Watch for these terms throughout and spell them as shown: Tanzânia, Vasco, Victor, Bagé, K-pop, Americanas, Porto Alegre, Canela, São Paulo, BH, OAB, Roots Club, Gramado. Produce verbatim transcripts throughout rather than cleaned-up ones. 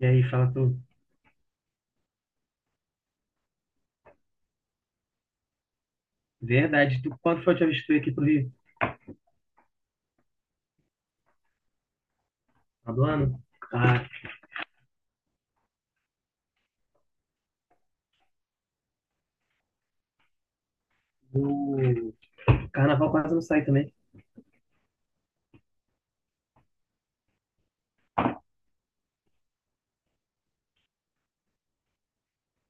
E aí, fala tu. Verdade. Tu, quando foi a última vez que tu veio aqui pro Rio? Tá do ano? Ah, o carnaval quase não sai também.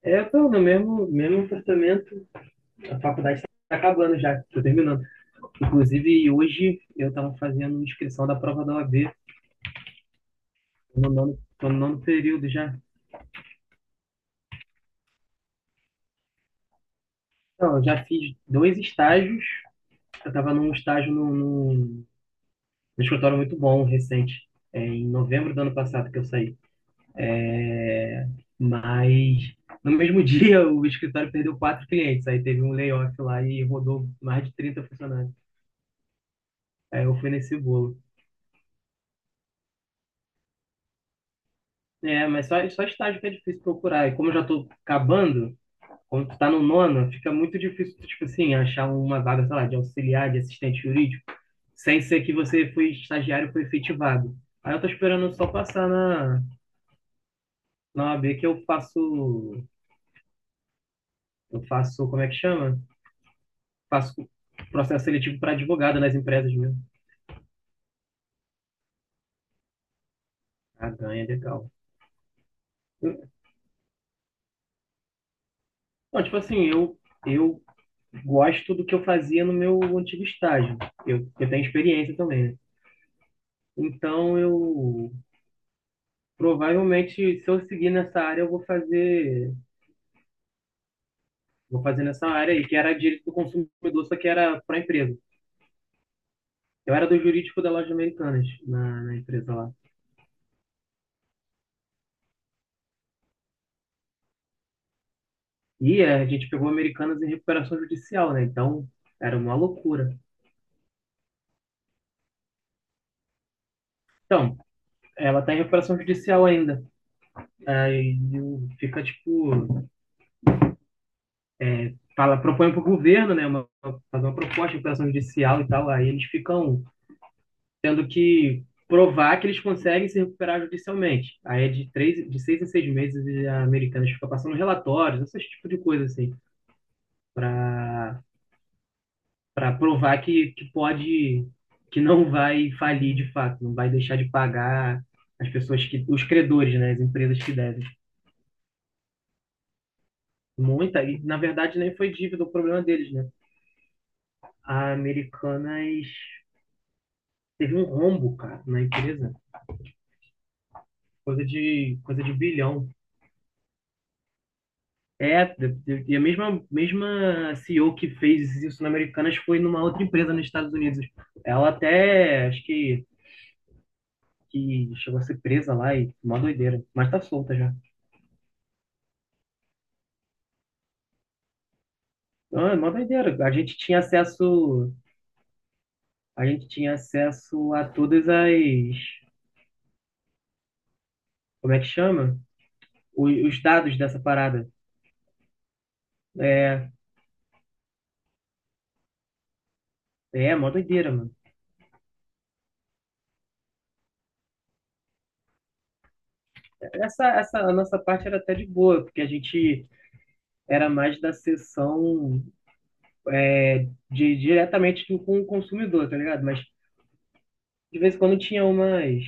É, pô, no mesmo, mesmo apartamento. A faculdade tá acabando já, tô terminando. Inclusive, hoje eu tava fazendo inscrição da prova da O A B. No nono, tô no nono período já. Não, eu já fiz dois estágios. Eu tava num estágio num, num, num escritório muito bom, recente. É, em novembro do ano passado que eu saí. Mas no mesmo dia o escritório perdeu quatro clientes. Aí teve um layoff lá e rodou mais de trinta funcionários. Aí eu fui nesse bolo. É, mas só, só estágio que é difícil procurar. E como eu já tô acabando, quando tu tá no nono, fica muito difícil, tipo assim, achar uma vaga, sei lá, de auxiliar, de assistente jurídico, sem ser que você foi estagiário e foi efetivado. Aí eu tô esperando só passar na, na O A B que eu faço, eu faço, como é que chama? Faço processo seletivo para advogado nas empresas mesmo. Ah, ganha, legal. Eu- Não, tipo assim, eu, eu gosto do que eu fazia no meu antigo estágio. Eu, eu tenho experiência também, né? Então eu provavelmente, se eu seguir nessa área, eu vou fazer, vou fazer nessa área aí, que era direito do consumidor, só que era para empresa. Eu era do jurídico da loja Americanas, na, na empresa lá. E é, a gente pegou Americanas em recuperação judicial, né? Então era uma loucura. Então, ela tá em recuperação judicial ainda. Aí eu- fica tipo fala, propõe para o governo, né, uma, fazer uma proposta de recuperação judicial e tal, aí eles ficam tendo que provar que eles conseguem se recuperar judicialmente. Aí é de três, de seis em seis meses a Americanas ficam passando relatórios, esse tipo de coisa assim, para para provar que, que pode que não vai falir de fato, não vai deixar de pagar as pessoas que os credores, né, as empresas que devem. Muita e na verdade nem foi dívida o problema deles, né? A Americanas teve um rombo, cara, na empresa, coisa de, coisa de bilhão. É, e a mesma, mesma C E O que fez isso na Americanas foi numa outra empresa nos Estados Unidos. Ela até, acho que, que chegou a ser presa lá e mó doideira, mas tá solta já. Não, é mó doideira. A gente tinha acesso, a gente tinha acesso a todas as, como é que chama? O- Os dados dessa parada. É, é, Mó doideira, mano. Essa, essa, a nossa parte era até de boa, porque a gente era mais da sessão de diretamente com o consumidor, tá ligado? Mas de vez em quando tinha umas,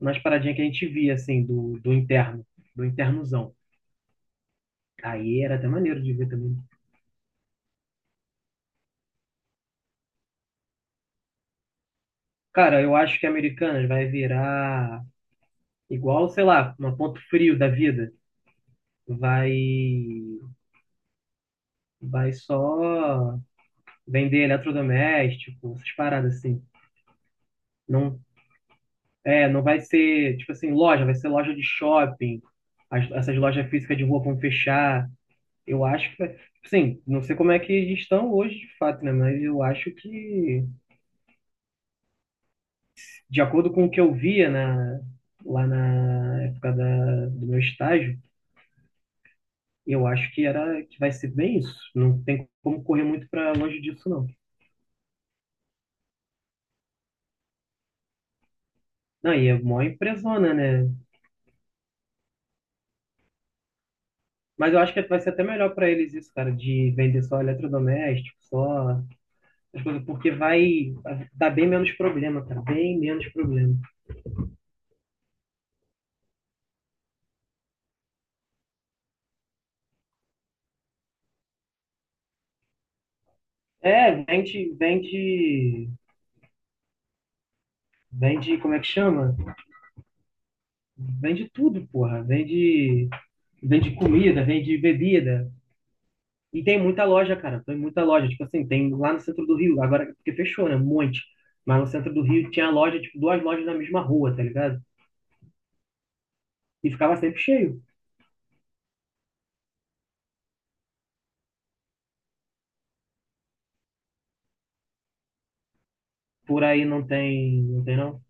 umas paradinhas que a gente via, assim, do, do interno, do internozão. Aí era até maneiro de ver também. Cara, eu acho que Americanas vai virar igual, sei lá, um ponto frio da vida. Vai, vai só vender eletrodoméstico, essas paradas assim. Não, é, não vai ser, tipo assim, loja, vai ser loja de shopping. As- essas lojas físicas de rua vão fechar. Eu acho que, vai- sim, não sei como é que eles estão hoje de fato, né? Mas eu acho que, de acordo com o que eu via na, lá na época da, do meu estágio, eu acho que era que vai ser bem isso. Não tem como correr muito para longe disso, não. Não, e é mó empresona, né? Mas eu acho que vai ser até melhor para eles isso, cara, de vender só eletrodoméstico, só as coisas, porque vai dar bem menos problema, cara, bem menos problema. É, vende, vende, vende, como é que chama? Vende tudo, porra. Vende, vende comida, vende bebida. E tem muita loja, cara. Tem muita loja. Tipo assim, tem lá no centro do Rio. Agora, porque fechou, né? Um monte. Mas no centro do Rio tinha loja, tipo, duas lojas na mesma rua, tá ligado? E ficava sempre cheio. Por aí não tem, não tem não.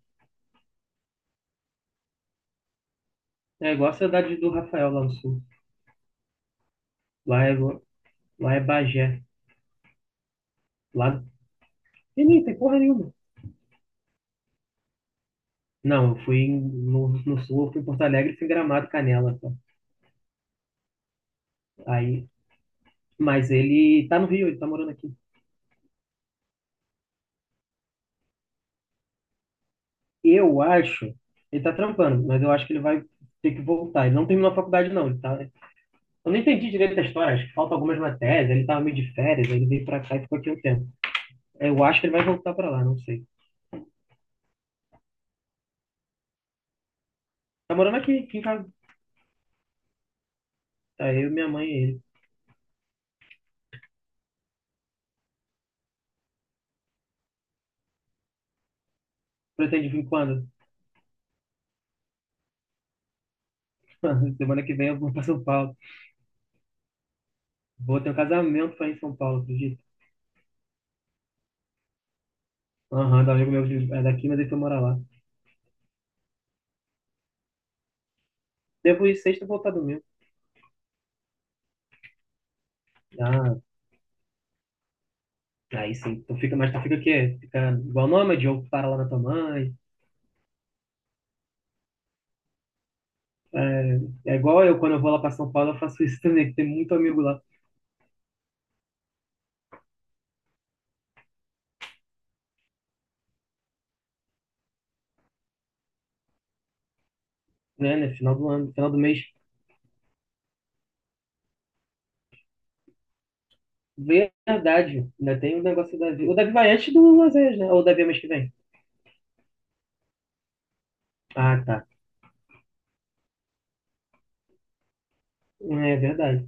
É igual a cidade do Rafael lá no sul. Lá é, lá é Bagé. Lá e nem tem porra nenhuma. Não, eu fui em- no, no sul, eu fui em Porto Alegre, fui em Gramado, Canela. Tá? Aí, mas ele tá no Rio, ele tá morando aqui. Eu acho, ele tá trampando, mas eu acho que ele vai ter que voltar. Ele não terminou a faculdade, não. Ele tá... Eu não entendi direito a história, acho que faltam algumas matérias. Ele tava meio de férias, aí ele veio pra cá e ficou aqui um tempo. Eu acho que ele vai voltar pra lá, não sei. Tá morando aqui, aqui em casa. Tá eu, minha mãe e ele. Pretende vir quando? Semana que vem eu vou pra São Paulo. Vou ter um casamento pra ir em São Paulo, acredito. Aham, da amigo meu de- é daqui, mas ele foi morar lá. Devo ir sexta e voltar domingo. Ah, aí sim. Tu fica, mas tu fica o quê? Fica igual nômade ou para lá na tua mãe? É, é igual eu, quando eu vou lá para São Paulo, eu faço isso também, que tem muito amigo lá, né, né, final do ano, final do mês. Verdade, ainda tem o negócio do Davi. O Davi vai antes do Azevedo, né? Ou o Davi é mês que vem? Ah, tá. É verdade.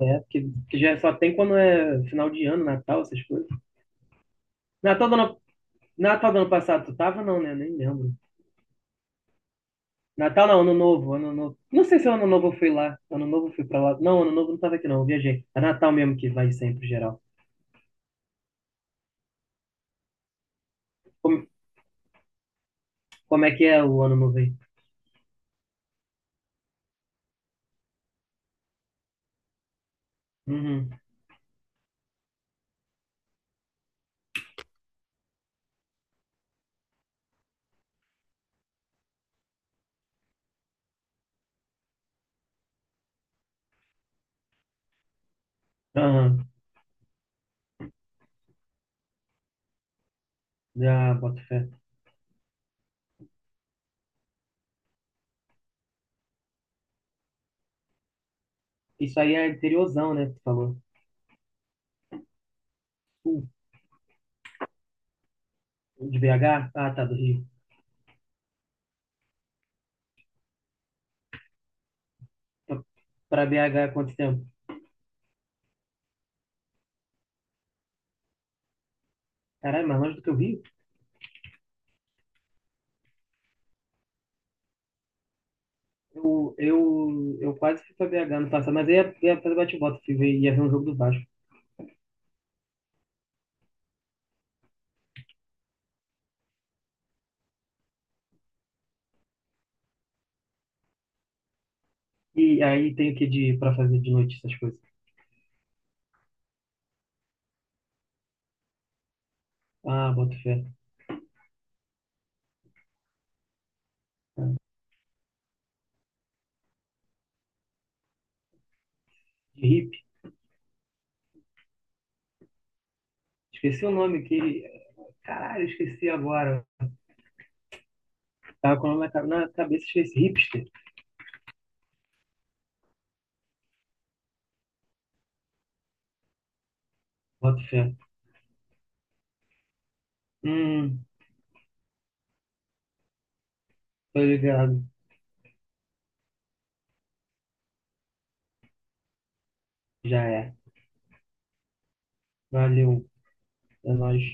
É, porque porque já só tem quando é final de ano, Natal, essas coisas. Natal do ano, Natal do ano passado, tu tava? Não, né? Nem lembro. Natal não, Ano Novo, Ano Novo. Não sei se Ano Novo eu fui lá. Ano Novo eu fui pra lá. Não, Ano Novo eu não tava aqui, não. Eu viajei. É Natal mesmo que vai sempre, geral. Como, como é que é o Ano Novo aí? Uhum. Aham. Já, boto fé. Isso aí é interiorzão, né? que tu falou. Sul, de B H? Ah, tá, do Rio. Pra pra B H, é quanto tempo? Caralho, mais longe do que o Rio? Eu, eu, eu quase fui pra B H no passado, mas aí ia, ia fazer bate bota fui ver, ia ver um jogo do Vasco. E aí tem o que de, pra fazer de noite essas coisas? Ah, boto fé. De hippie. Esqueci o nome que. Caralho, esqueci agora. Tava com o nome na, ca- na cabeça, esqueci. Hipster. Boto fé. Hum, tô ligado. Já é. Valeu. É nóis.